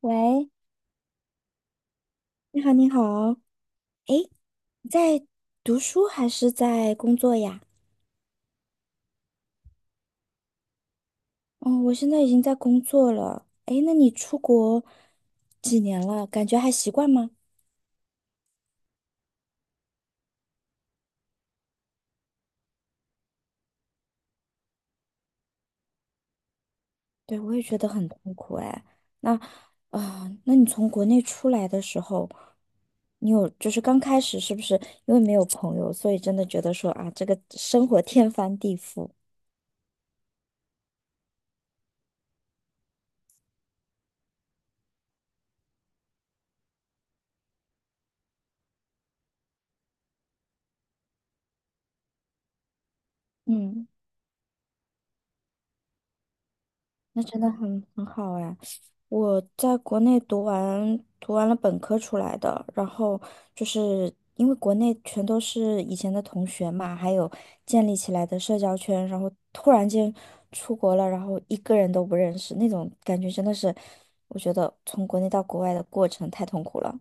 喂，你好，你好。诶，你在读书还是在工作呀？哦，我现在已经在工作了。诶，那你出国几年了？感觉还习惯吗？对，我也觉得很痛苦哎。那，那你从国内出来的时候，你有就是刚开始是不是因为没有朋友，所以真的觉得说啊，这个生活天翻地覆？嗯。那真的很好哎！我在国内读完了本科出来的，然后就是因为国内全都是以前的同学嘛，还有建立起来的社交圈，然后突然间出国了，然后一个人都不认识，那种感觉真的是，我觉得从国内到国外的过程太痛苦了，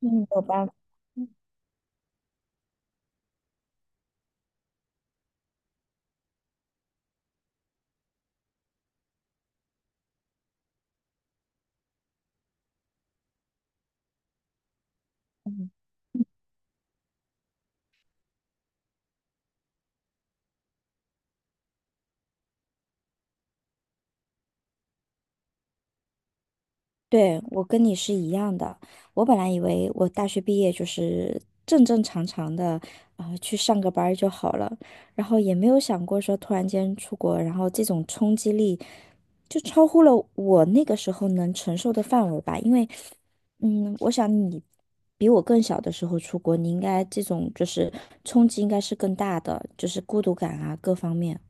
嗯，没有办法。对，我跟你是一样的。我本来以为我大学毕业就是正正常常的，去上个班儿就好了，然后也没有想过说突然间出国，然后这种冲击力就超乎了我那个时候能承受的范围吧。因为，我想你比我更小的时候出国，你应该这种就是冲击应该是更大的，就是孤独感啊各方面。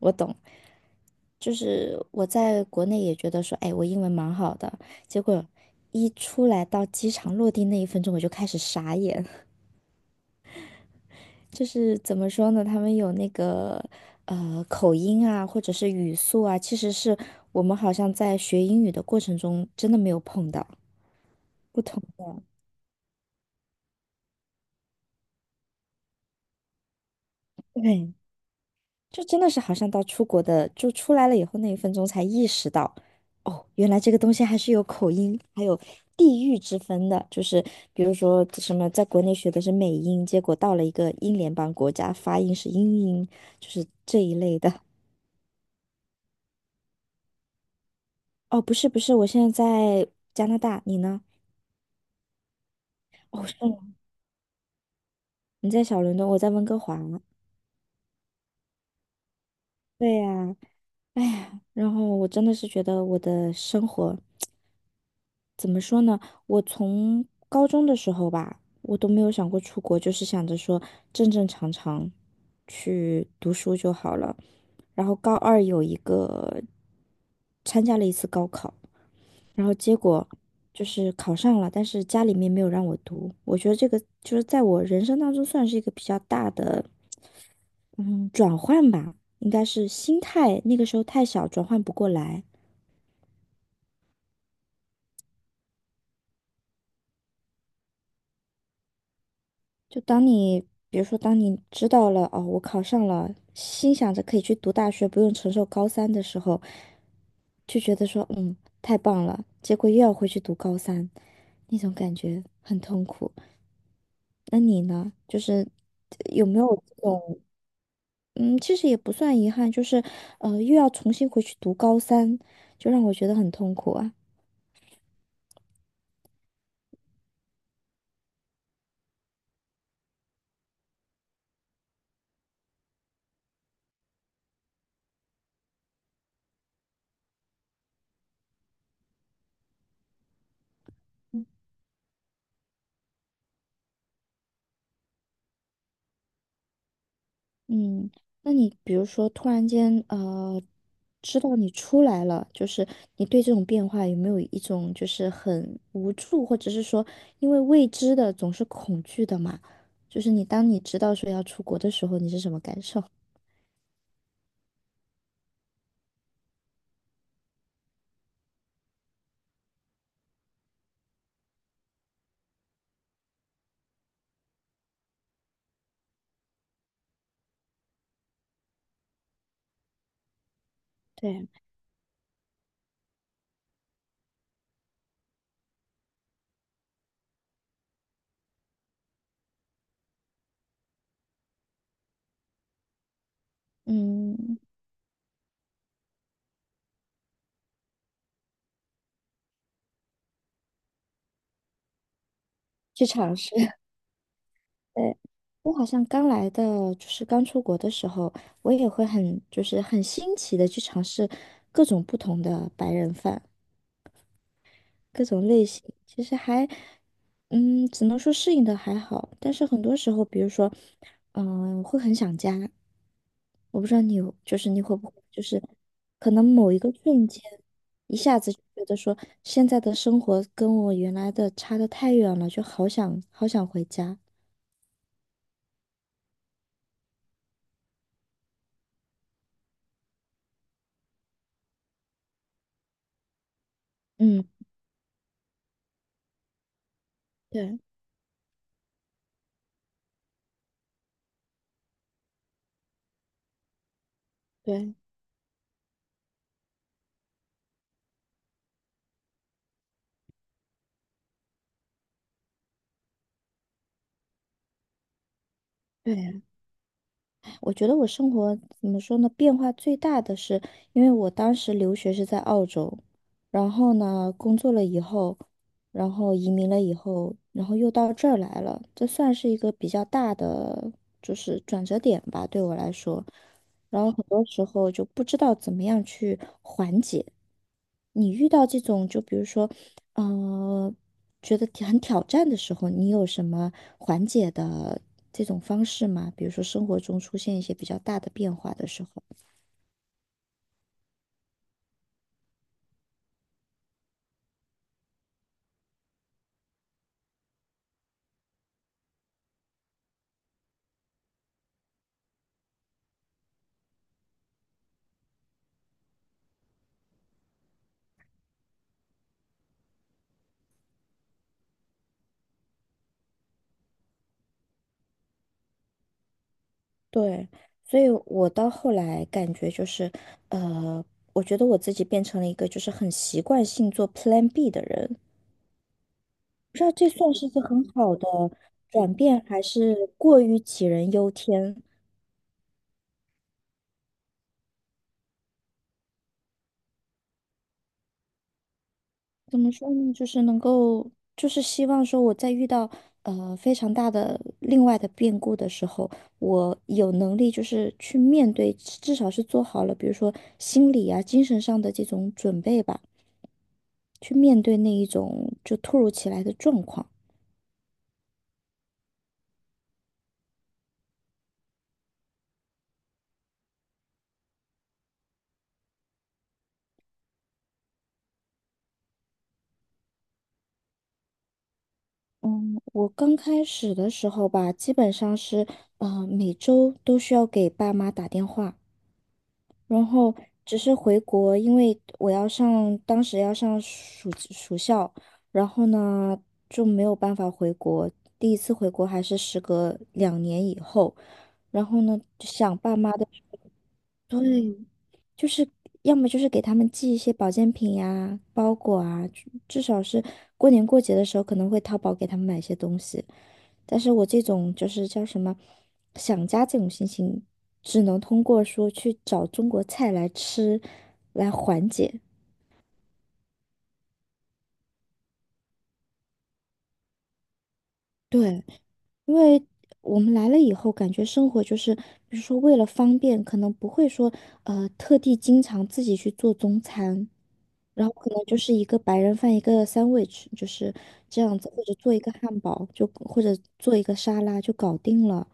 我懂。就是我在国内也觉得说，哎，我英文蛮好的，结果一出来到机场落地那一分钟，我就开始傻眼。就是怎么说呢？他们有那个口音啊，或者是语速啊，其实是我们好像在学英语的过程中真的没有碰到，不同的。对，就真的是好像到出国的，就出来了以后那一分钟才意识到，哦，原来这个东西还是有口音，还有地域之分的。就是比如说什么，在国内学的是美音，结果到了一个英联邦国家，发音是英音，就是这一类的。哦，不是不是，我现在在加拿大，你呢？哦，是吗？你在小伦敦，我在温哥华。对呀，哎呀，然后我真的是觉得我的生活。怎么说呢？我从高中的时候吧，我都没有想过出国，就是想着说正正常常去读书就好了。然后高二有一个参加了一次高考，然后结果就是考上了，但是家里面没有让我读。我觉得这个就是在我人生当中算是一个比较大的嗯转换吧，应该是心态，那个时候太小，转换不过来。就当你，比如说，当你知道了哦，我考上了，心想着可以去读大学，不用承受高三的时候，就觉得说，太棒了。结果又要回去读高三，那种感觉很痛苦。那你呢？就是有没有这种，嗯，其实也不算遗憾，就是又要重新回去读高三，就让我觉得很痛苦啊。嗯，那你比如说突然间知道你出来了，就是你对这种变化有没有一种就是很无助，或者是说因为未知的总是恐惧的嘛？就是你当你知道说要出国的时候，你是什么感受 对，嗯，去尝试。对，我好像刚来的，就是刚出国的时候，我也会很就是很新奇的去尝试各种不同的白人饭。各种类型，其实还，只能说适应的还好，但是很多时候，比如说，会很想家。我不知道你有，就是你会不会，就是可能某一个瞬间，一下子就觉得说现在的生活跟我原来的差的太远了，就好想好想回家。嗯，对对对啊，我觉得我生活怎么说呢，变化最大的是，因为我当时留学是在澳洲，然后呢，工作了以后，然后移民了以后，然后又到这儿来了，这算是一个比较大的就是转折点吧，对我来说。然后很多时候就不知道怎么样去缓解。你遇到这种，就比如说呃，觉得很挑战的时候，你有什么缓解的这种方式吗？比如说生活中出现一些比较大的变化的时候。对，所以我到后来感觉就是，呃，我觉得我自己变成了一个就是很习惯性做 Plan B 的人，不知道这算是一个很好的转变，还是过于杞人忧天。怎么说呢？就是能够，就是希望说我在遇到非常大的另外的变故的时候，我有能力就是去面对，至少是做好了，比如说心理啊、精神上的这种准备吧，去面对那一种就突如其来的状况。嗯，我刚开始的时候吧，基本上是啊，每周都需要给爸妈打电话。然后只是回国，因为我要上，当时要上暑校，然后呢就没有办法回国。第一次回国还是时隔2年以后，然后呢就想爸妈的，对，就是要么就是给他们寄一些保健品呀、包裹啊，至少是过年过节的时候可能会淘宝给他们买一些东西。但是我这种就是叫什么想家这种心情，只能通过说去找中国菜来吃来缓解。对。因为我们来了以后，感觉生活就是，比如说为了方便，可能不会说特地经常自己去做中餐，然后可能就是一个白人饭，一个 sandwich,就是这样子，或者做一个汉堡，就或者做一个沙拉就搞定了。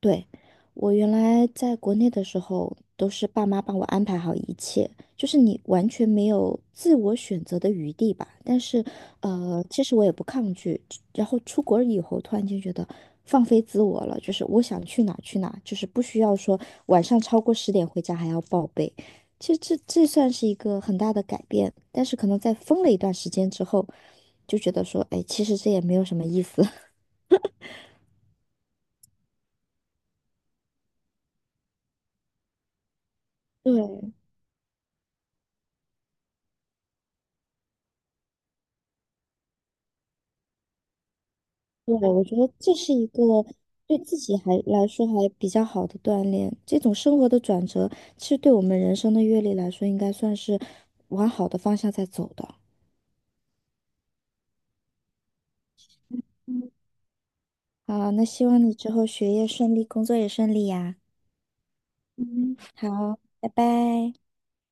对，我原来在国内的时候，都是爸妈帮我安排好一切，就是你完全没有自我选择的余地吧。但是，其实我也不抗拒。然后出国以后，突然间觉得放飞自我了，就是我想去哪儿去哪儿，就是不需要说晚上超过10点回家还要报备。其实这算是一个很大的改变，但是可能在疯了一段时间之后，就觉得说，哎，其实这也没有什么意思。对，对，我觉得这是一个对自己还来说还比较好的锻炼。这种生活的转折，其实对我们人生的阅历来说，应该算是往好的方向在走的。嗯好，那希望你之后学业顺利，工作也顺利呀。嗯。好，拜拜。